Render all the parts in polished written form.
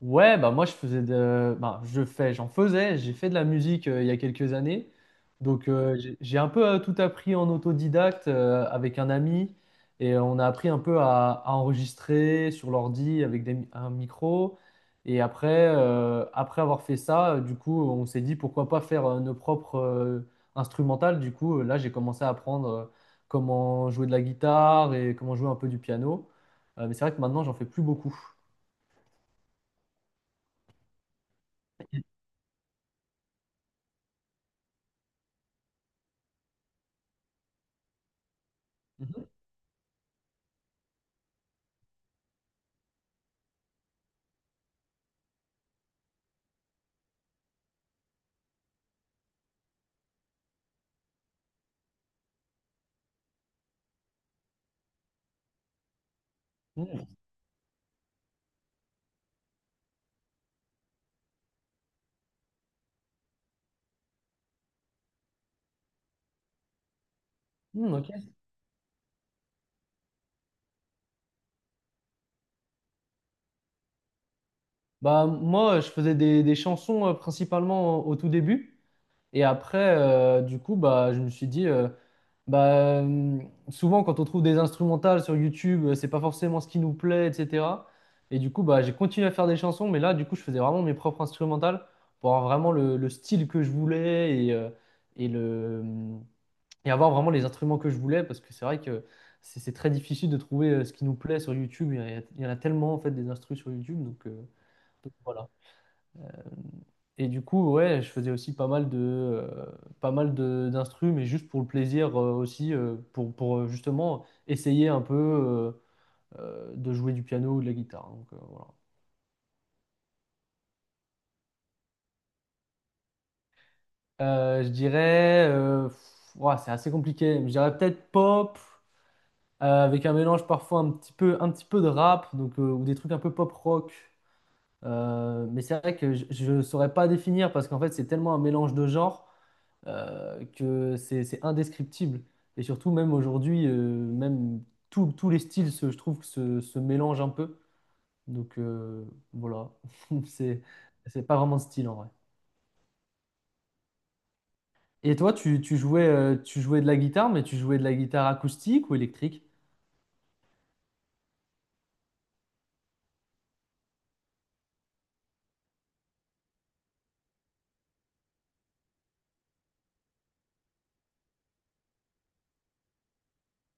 Ouais, bah moi je faisais de, bah, je fais, j'en faisais, j'ai fait de la musique il y a quelques années, donc j'ai un peu tout appris en autodidacte avec un ami et on a appris un peu à enregistrer sur l'ordi avec un micro et après après avoir fait ça, du coup on s'est dit pourquoi pas faire nos propres instrumentales. Du coup là j'ai commencé à apprendre comment jouer de la guitare et comment jouer un peu du piano. Mais c'est vrai que maintenant j'en fais plus beaucoup. Mhm. Mhm. Hmm, ok. Bah, moi, je faisais des chansons principalement au tout début. Et après, du coup, bah, je me suis dit, bah, euh, souvent quand on trouve des instrumentales sur YouTube, c'est pas forcément ce qui nous plaît, etc. Et du coup, bah, j'ai continué à faire des chansons, mais là, du coup, je faisais vraiment mes propres instrumentales pour avoir vraiment le style que je voulais et, le, hum, et avoir vraiment les instruments que je voulais, parce que c'est vrai que c'est très difficile de trouver ce qui nous plaît sur YouTube. Il y en a tellement, en fait, des instrus sur YouTube, donc, voilà. Et du coup, ouais, je faisais aussi pas mal de, pas mal de d'instru, mais juste pour le plaisir aussi, pour justement essayer un peu de jouer du piano ou de la guitare. Donc, voilà. Je dirais, pff, ouah, c'est assez compliqué. Je dirais peut-être pop, avec un mélange parfois un petit peu de rap, donc, ou des trucs un peu pop rock. Mais c'est vrai que je ne saurais pas définir parce qu'en fait, c'est tellement un mélange de genres, que c'est indescriptible. Et surtout, même aujourd'hui, même tous les styles, je trouve, que se mélangent un peu. Donc voilà, c'est c'est pas vraiment de style en vrai. Et toi, tu jouais, tu jouais de la guitare, mais tu jouais de la guitare acoustique ou électrique?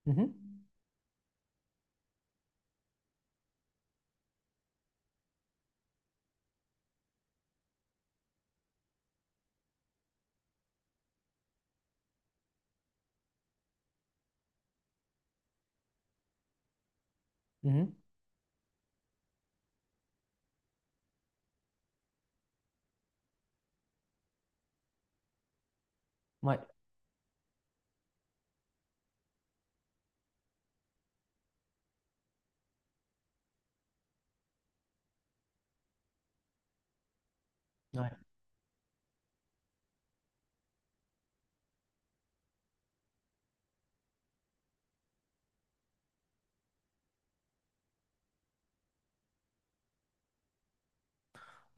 Mhm, mhm. Ouais. Ouais.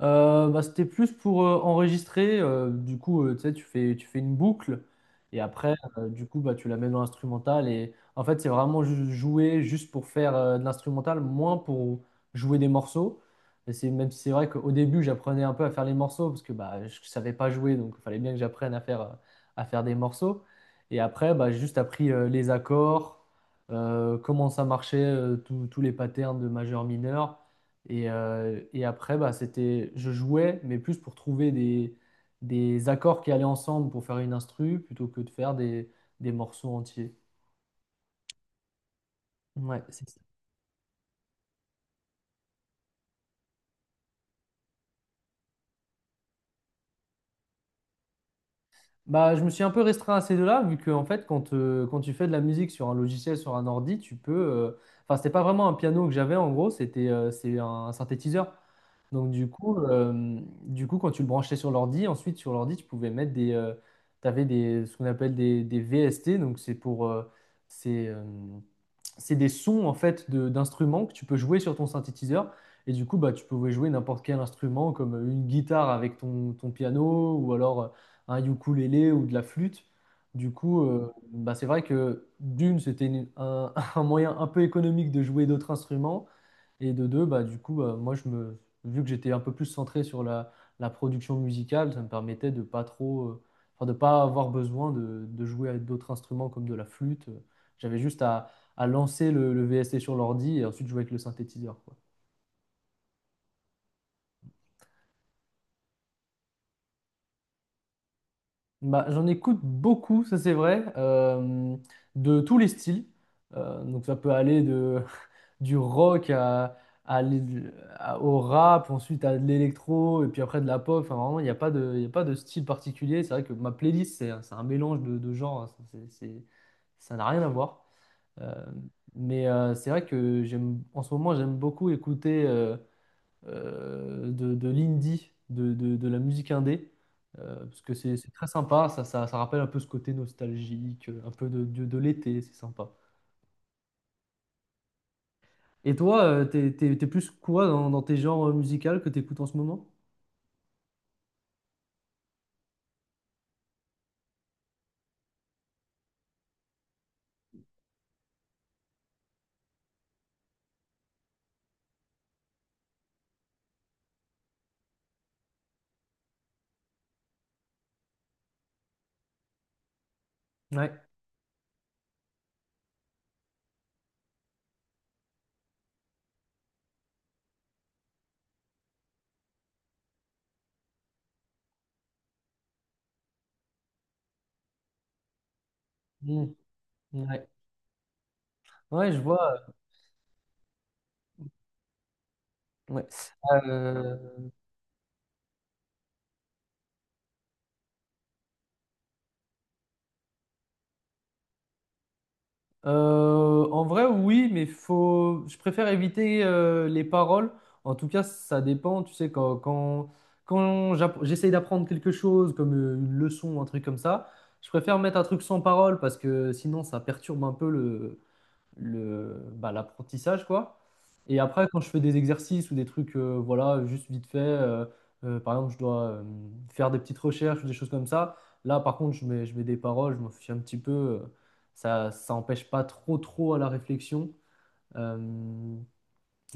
Bah, c'était plus pour enregistrer. Du coup, tu sais, tu fais, une boucle et après, du coup, bah, tu la mets dans l'instrumental. Et en fait, c'est vraiment jouer juste pour faire de l'instrumental, moins pour jouer des morceaux. Et c'est même si c'est vrai qu'au début, j'apprenais un peu à faire les morceaux parce que bah, je ne savais pas jouer, donc il fallait bien que j'apprenne à faire, des morceaux. Et après, bah, j'ai juste appris les accords, comment ça marchait, tous les patterns de majeur-mineur. Et après, bah, c'était, je jouais, mais plus pour trouver des accords qui allaient ensemble pour faire une instru, plutôt que de faire des morceaux entiers. Ouais, c'est ça. Bah, je me suis un peu restreint à ces deux-là, vu que en fait, quand, quand tu fais de la musique sur un logiciel, sur un ordi, tu peux. Enfin, c'était pas vraiment un piano que j'avais en gros, c'est un synthétiseur. Donc du coup, quand tu le branchais sur l'ordi, ensuite sur l'ordi, tu pouvais mettre des, tu avais des, ce qu'on appelle des VST, donc c'est pour, c'est, euh, c'est des sons en fait d'instruments que tu peux jouer sur ton synthétiseur. Et du coup, bah, tu pouvais jouer n'importe quel instrument, comme une guitare avec ton piano, ou alors un ukulélé ou de la flûte. Du coup, bah, c'est vrai que d'une, c'était un, un moyen un peu économique de jouer d'autres instruments. Et de deux, bah, du coup, bah, moi, je me, vu que j'étais un peu plus centré sur la production musicale, ça me permettait de pas trop, enfin, de pas avoir besoin de jouer avec d'autres instruments comme de la flûte. J'avais juste à lancer le VST sur l'ordi et ensuite jouer avec le synthétiseur, quoi. Bah, j'en écoute beaucoup, ça c'est vrai, de tous les styles. Donc ça peut aller de, du rock à l'é- au rap, ensuite à de l'électro, et puis après de la pop. Enfin, vraiment, il y a pas de style particulier. C'est vrai que ma playlist, c'est un mélange de genres, hein. Ça n'a rien à voir. Euh, mais c'est vrai que j'aime, en ce moment, j'aime beaucoup écouter. De l'indie, de la musique indé, parce que c'est très sympa, ça rappelle un peu ce côté nostalgique, un peu de l'été, c'est sympa. Et toi, t'es plus quoi dans tes genres musicaux que t'écoutes en ce moment? Ouais. Mm. Ouais. Ouais, je vois. Ouais. Euh, En vrai, oui, mais faut... je préfère éviter les paroles. En tout cas, ça dépend. Tu sais, quand j'essaye d'apprendre quelque chose, comme une leçon, un truc comme ça, je préfère mettre un truc sans parole parce que sinon, ça perturbe un peu bah, l'apprentissage, quoi. Et après, quand je fais des exercices ou des trucs, voilà, juste vite fait, par exemple, je dois faire des petites recherches ou des choses comme ça. Là, par contre, je mets des paroles, je m'en fiche un petit peu. Ça empêche pas trop, trop à la réflexion. Euh,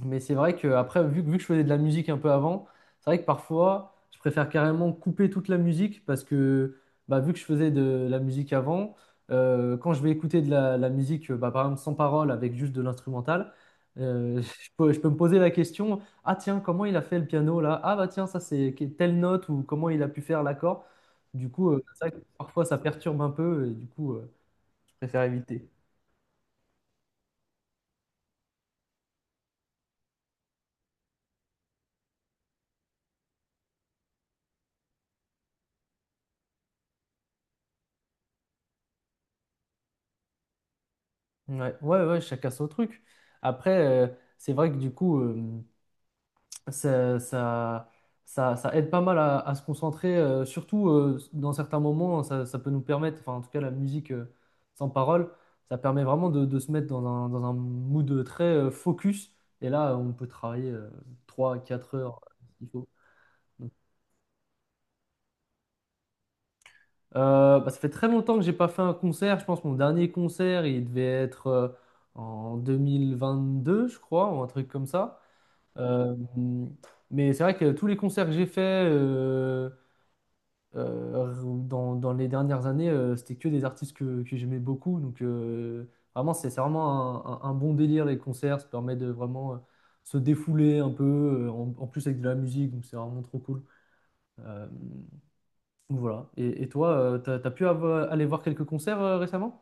mais c'est vrai que après, vu que je faisais de la musique un peu avant, c'est vrai que parfois, je préfère carrément couper toute la musique parce que bah, vu que je faisais de la musique avant, quand je vais écouter de la musique, bah, par exemple sans parole, avec juste de l'instrumental, euh, je peux me poser la question, ah tiens, comment il a fait le piano là? Ah bah tiens, ça c'est telle note ou comment il a pu faire l'accord. Du coup, c'est vrai que parfois ça perturbe un peu et du coup, je préfère éviter. Ouais, ouais, ouais, chacun son truc. Après, euh, c'est vrai que du coup. Ça, ça, ça aide pas mal à se concentrer, surtout dans certains moments, hein, ça peut nous permettre, enfin en tout cas la musique sans parole, ça permet vraiment de se mettre dans un mood très focus, et là on peut travailler trois quatre heures s'il faut. Donc, bah, ça fait très longtemps que j'ai pas fait un concert, je pense que mon dernier concert il devait être en 2022 je crois, ou un truc comme ça. Euh, mais c'est vrai que tous les concerts que j'ai faits, Euh, dans les dernières années, c'était que des artistes que j'aimais beaucoup. Donc, vraiment, c'est vraiment un bon délire, les concerts. Ça permet de vraiment se défouler un peu, en plus avec de la musique. Donc, c'est vraiment trop cool. Euh, donc voilà. Et toi, aller voir quelques concerts récemment?